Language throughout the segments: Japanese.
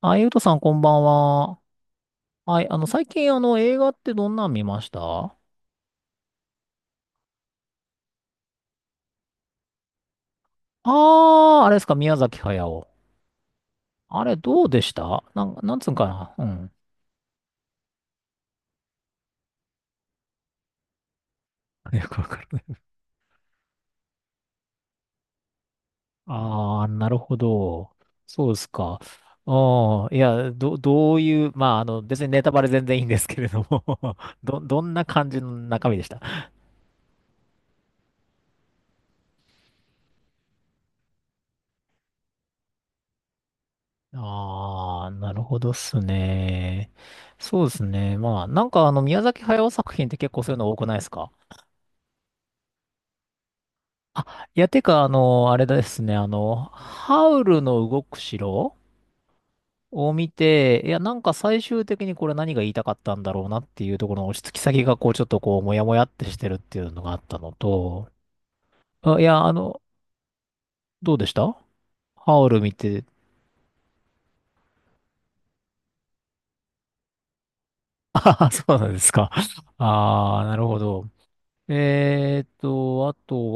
あ、ゆうとさんこんばんは。はい、最近映画ってどんなん見ましたあ。あー、あれですか、宮崎駿。あれどうでしたなん、なんつうんかな、うん。よくわからない。ああ、なるほど。そうですか。ああ、いや、ど、どういう、別にネタバレ全然いいんですけれども、 ど、どんな感じの中身でした。ああ、なるほどっすね。そうですね。まあ、なんか宮崎駿作品って結構そういうの多くないですか。あ、いや、てか、あの、あれですね、あの、ハウルの動く城を見て、いや、なんか最終的にこれ何が言いたかったんだろうなっていうところの落ち着き先が、こう、ちょっとこう、もやもやってしてるっていうのがあったのと、あ、いや、あの、どうでしたハウル見て。ああ、そうなんですか。ああ、なるほど。あと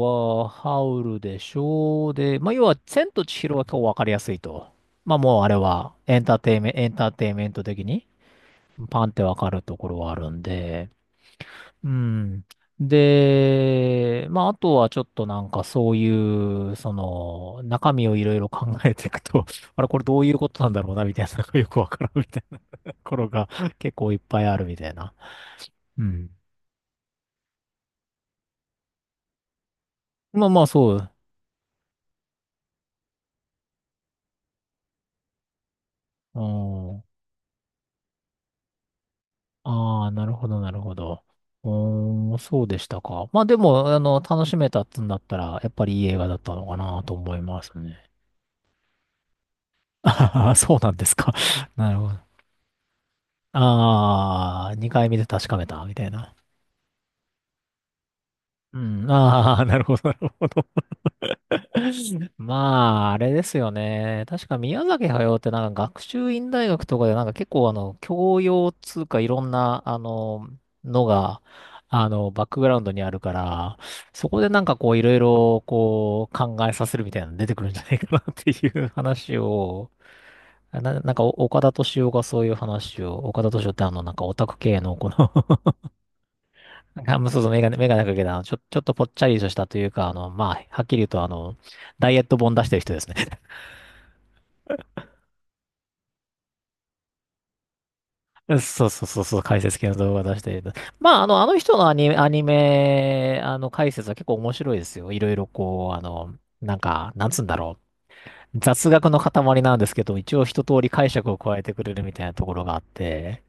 は、ハウルでしょう。で、まあ、要は、千と千尋は今日わかりやすいと。まあ、もうあれは、エンターテイメンエンターテイメント的に。パンってわかるところはあるんで、うん。で、まあ、あとはちょっとなんかそういう、その、中身をいろいろ考えていくと、あれこれどういうことなんだろうな、みたいなのがよくわからんみたいなところが結構いっぱいあるみたいな。うん。まあまあ、そう。うん。ああ、なるほど、なるほど。うーん、そうでしたか。まあでも、楽しめたっつんだったら、やっぱりいい映画だったのかなと思いますね。あははそうなんですか。なるほど。ああ、2回見て確かめた、みたいな。うん、ああ、なるほど、なるほど。まあ、あれですよね。確か宮崎駿ってなんか学習院大学とかでなんか結構教養つうかいろんな、のが、バックグラウンドにあるから、そこでなんかこういろいろこう考えさせるみたいなの出てくるんじゃないかなっていう話を、な、なんかお岡田斗司夫がそういう話を、岡田斗司夫ってあの、なんかオタク系のこの なんか、まあそうそう、メガネ、メガネかけた、あのちょ、ちょっとぽっちゃりとしたというか、はっきり言うと、ダイエット本出してる人ですね。そうそうそう、そう、解説系の動画出してる人。まあ、あの人のアニメ、アニメ、あの、解説は結構面白いですよ。いろいろこう、あの、なんか、なんつうんだろう。雑学の塊なんですけど、一応一通り解釈を加えてくれるみたいなところがあって、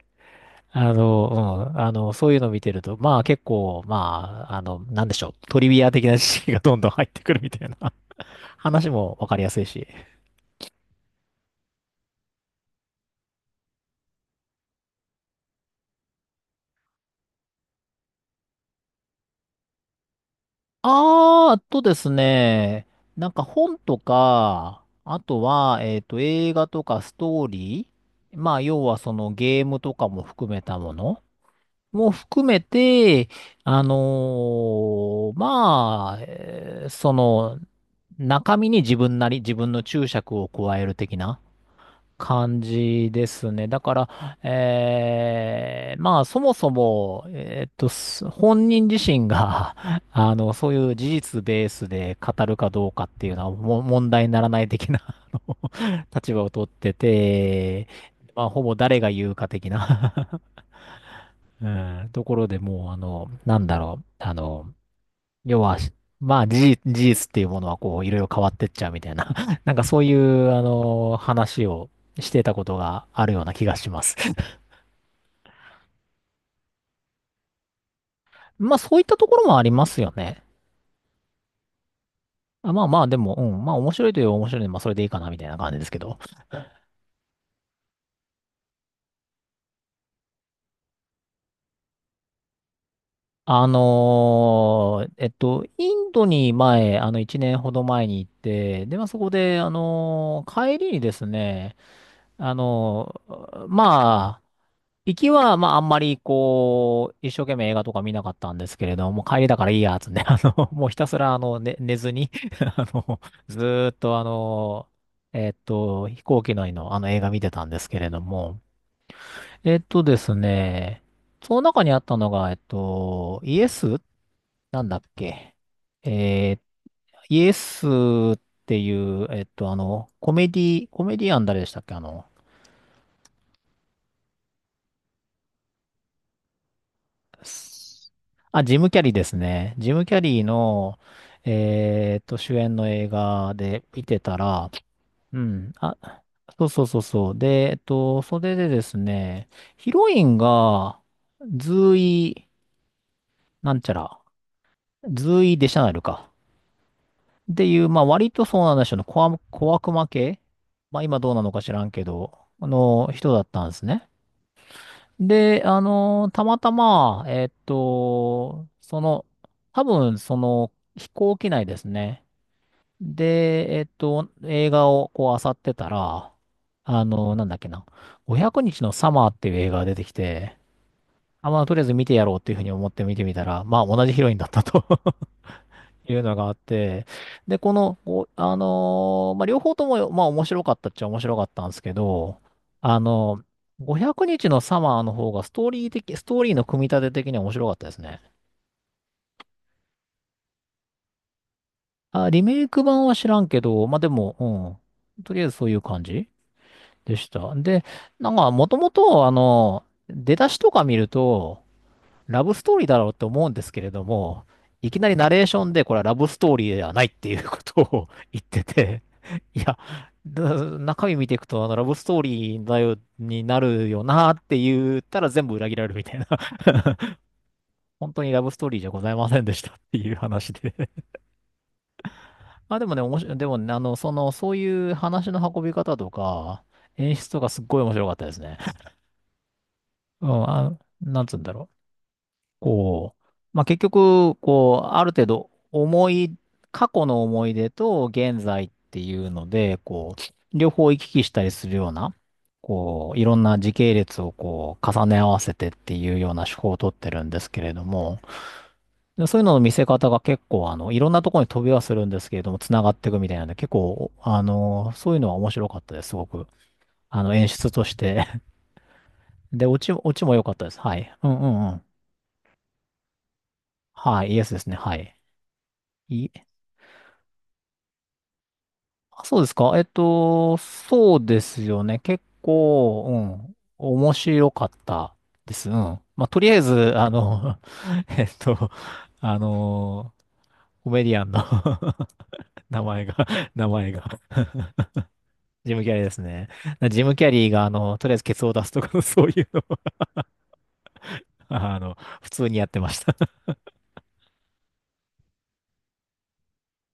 あの、うん、そういうのを見てると、まあ結構、まあ、あの、なんでしょう、トリビア的な知識がどんどん入ってくるみたいな。話もわかりやすいし。あー、あとですね、なんか本とか、あとは、映画とかストーリー、まあ、要はそのゲームとかも含めたものも含めて、まあ、中身に自分なり、自分の注釈を加える的な、感じですね。だから、まあ、そもそも、す本人自身が、あの、そういう事実ベースで語るかどうかっていうのは、も問題にならない的な、あの立場を取ってて、まあ、ほぼ誰が言うか的な うん、ところでもう、あの、なんだろう、あの、要は、まあ、事実っていうものは、こう、いろいろ変わってっちゃうみたいな、なんかそういう、話をしてたことがあるような気がします。まあ、そういったところもありますよね。あ、まあまあ、でも、うん、まあ、面白いといえば面白いので、まあ、それでいいかな、みたいな感じですけど。インドに前、あの、1年ほど前に行って、で、まあ、そこで、帰りにですね、まあ、行きは、まあ、あんまり、こう、一生懸命映画とか見なかったんですけれども、帰りだからいいや、つね、あの、もうひたすら、あの、ね、寝ずに あの、ずーっと、飛行機内の、あの、映画見てたんですけれども、えっとですね、その中にあったのが、イエスなんだっけ、えーイエスっていう、コメディ、コメディアン誰でしたっけあの、あ、ジム・キャリーですね。ジム・キャリーの、主演の映画で見てたら、うん、あ、そうそうそうそう。で、それでですね、ヒロインが、ズーイ、なんちゃら、ズーイ・デシャナルか、っていう、まあ、割とそうなんでしょうね、小悪、小悪魔系、まあ、今どうなのか知らんけど、あの、人だったんですね。で、あのたまたま、その、多分、その、飛行機内ですね。で、映画をこう、漁ってたら、あのなんだっけな、500日のサマーっていう映画が出てきて、あ、まあ、とりあえず見てやろうっていうふうに思って見てみたら、まあ、同じヒロインだったと。いうのがあって、で、この、こうまあ、両方とも、まあ、面白かったっちゃ面白かったんですけど、あの500日のサマーの方がストーリー的、ストーリーの組み立て的には面白かったですね。あ、リメイク版は知らんけど、まあ、でも、うん。とりあえずそういう感じでした。で、なんか、もともと、出だしとか見ると、ラブストーリーだろうって思うんですけれども、いきなりナレーションでこれはラブストーリーではないっていうことを 言ってて、いや、だ中身見ていくと、あの、ラブストーリーだよ、になるよなって言ったら全部裏切られるみたいな、本当にラブストーリーじゃございませんでしたっていう話で。まあでもね、面白い、でもね、そういう話の運び方とか、演出とかすっごい面白かったですね。うん、あ、なんつうんだろう。こう、まあ、結局、こう、ある程度、思い、過去の思い出と現在っていうので、こう、両方行き来したりするような、こう、いろんな時系列をこう、重ね合わせてっていうような手法をとってるんですけれども、でそういうのの見せ方が結構、いろんなところに飛びはするんですけれども、繋がっていくみたいなんで、結構、そういうのは面白かったです、すごく。あの、演出として で、オチ、オチも良かったです。はい。うんうんうん。はい、イエスですね。はい。あそうですか。えっと、そうですよね。結構、うん、面白かったです。うん。まあ、とりあえず、えっと、あの、コメディアンの 名前が、名前が、ジム・キャリーですね。ジム・キャリーが、とりあえずケツを出すとか、そういうのをあの、普通にやってました。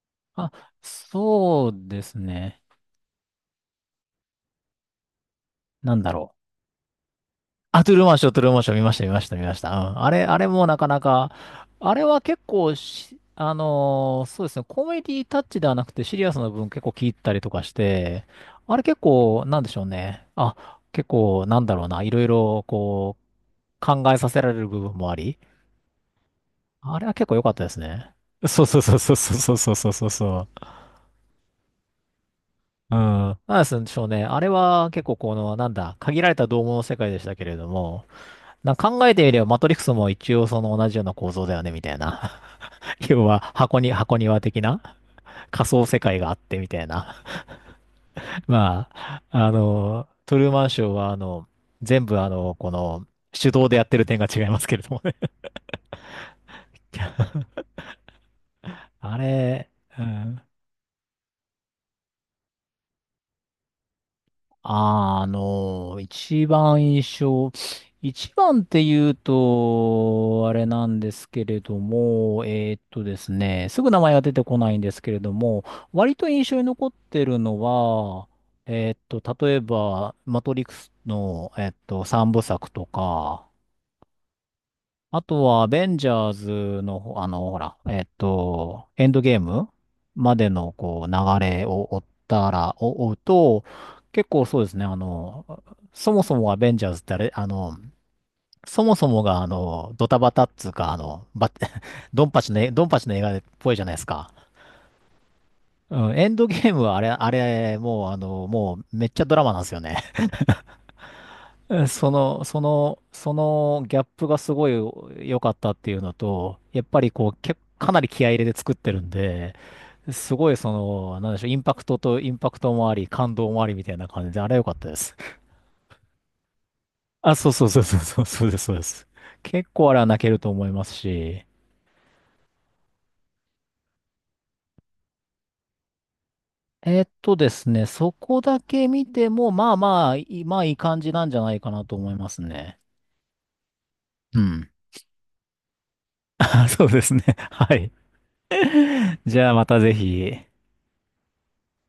あ、そうですね。なんだろう。あ、トゥルーマンショー、トゥルーマンショー見ました、見ました、見ました。うん。あれもなかなか、あれは結構し、そうですね、コメディタッチではなくてシリアスな部分結構聞いたりとかして、あれ結構、なんでしょうね。あ、結構、なんだろうな、いろいろ、こう、考えさせられる部分もあり、あれは結構良かったですね。そうそうそうそうそうそうそうそうそう。うん。なんでしょうね。あれは結構この、なんだ、限られた同物の世界でしたけれども、な考えてみれば、マトリックスも一応その同じような構造だよね、みたいな。要は、箱庭的な仮想世界があって、みたいな。まあ、トゥルーマンショーは、全部、手動でやってる点が違いますけれどもね。あれ、うん。あの、一番って言うと、あれなんですけれども、ですね、すぐ名前が出てこないんですけれども、割と印象に残ってるのは、えーっと、例えば、マトリックスの、えーっと、三部作とか、あとは、アベンジャーズのほ、あの、ほら、えっと、エンドゲームまでの、こう、流れを追ったら、お追うと、結構そうですね、そもそもアベンジャーズってあれ、そもそもが、ドタバタっつうか、ドンパチの映画っぽいじゃないですか。うん、エンドゲームはあれ、あれ、もう、めっちゃドラマなんですよね。うんそのギャップがすごい良かったっていうのと、やっぱりこう、かなり気合い入れて作ってるんで、すごいその、なんでしょう、インパクトもあり、感動もありみたいな感じで、あれ良かったです。あ、そうそうそうそうそう、そうです、そうです。結構あれは泣けると思いますし、ですね、そこだけ見ても、まあいい感じなんじゃないかなと思いますね。うん。そうですね。はい。じゃあまたぜひ。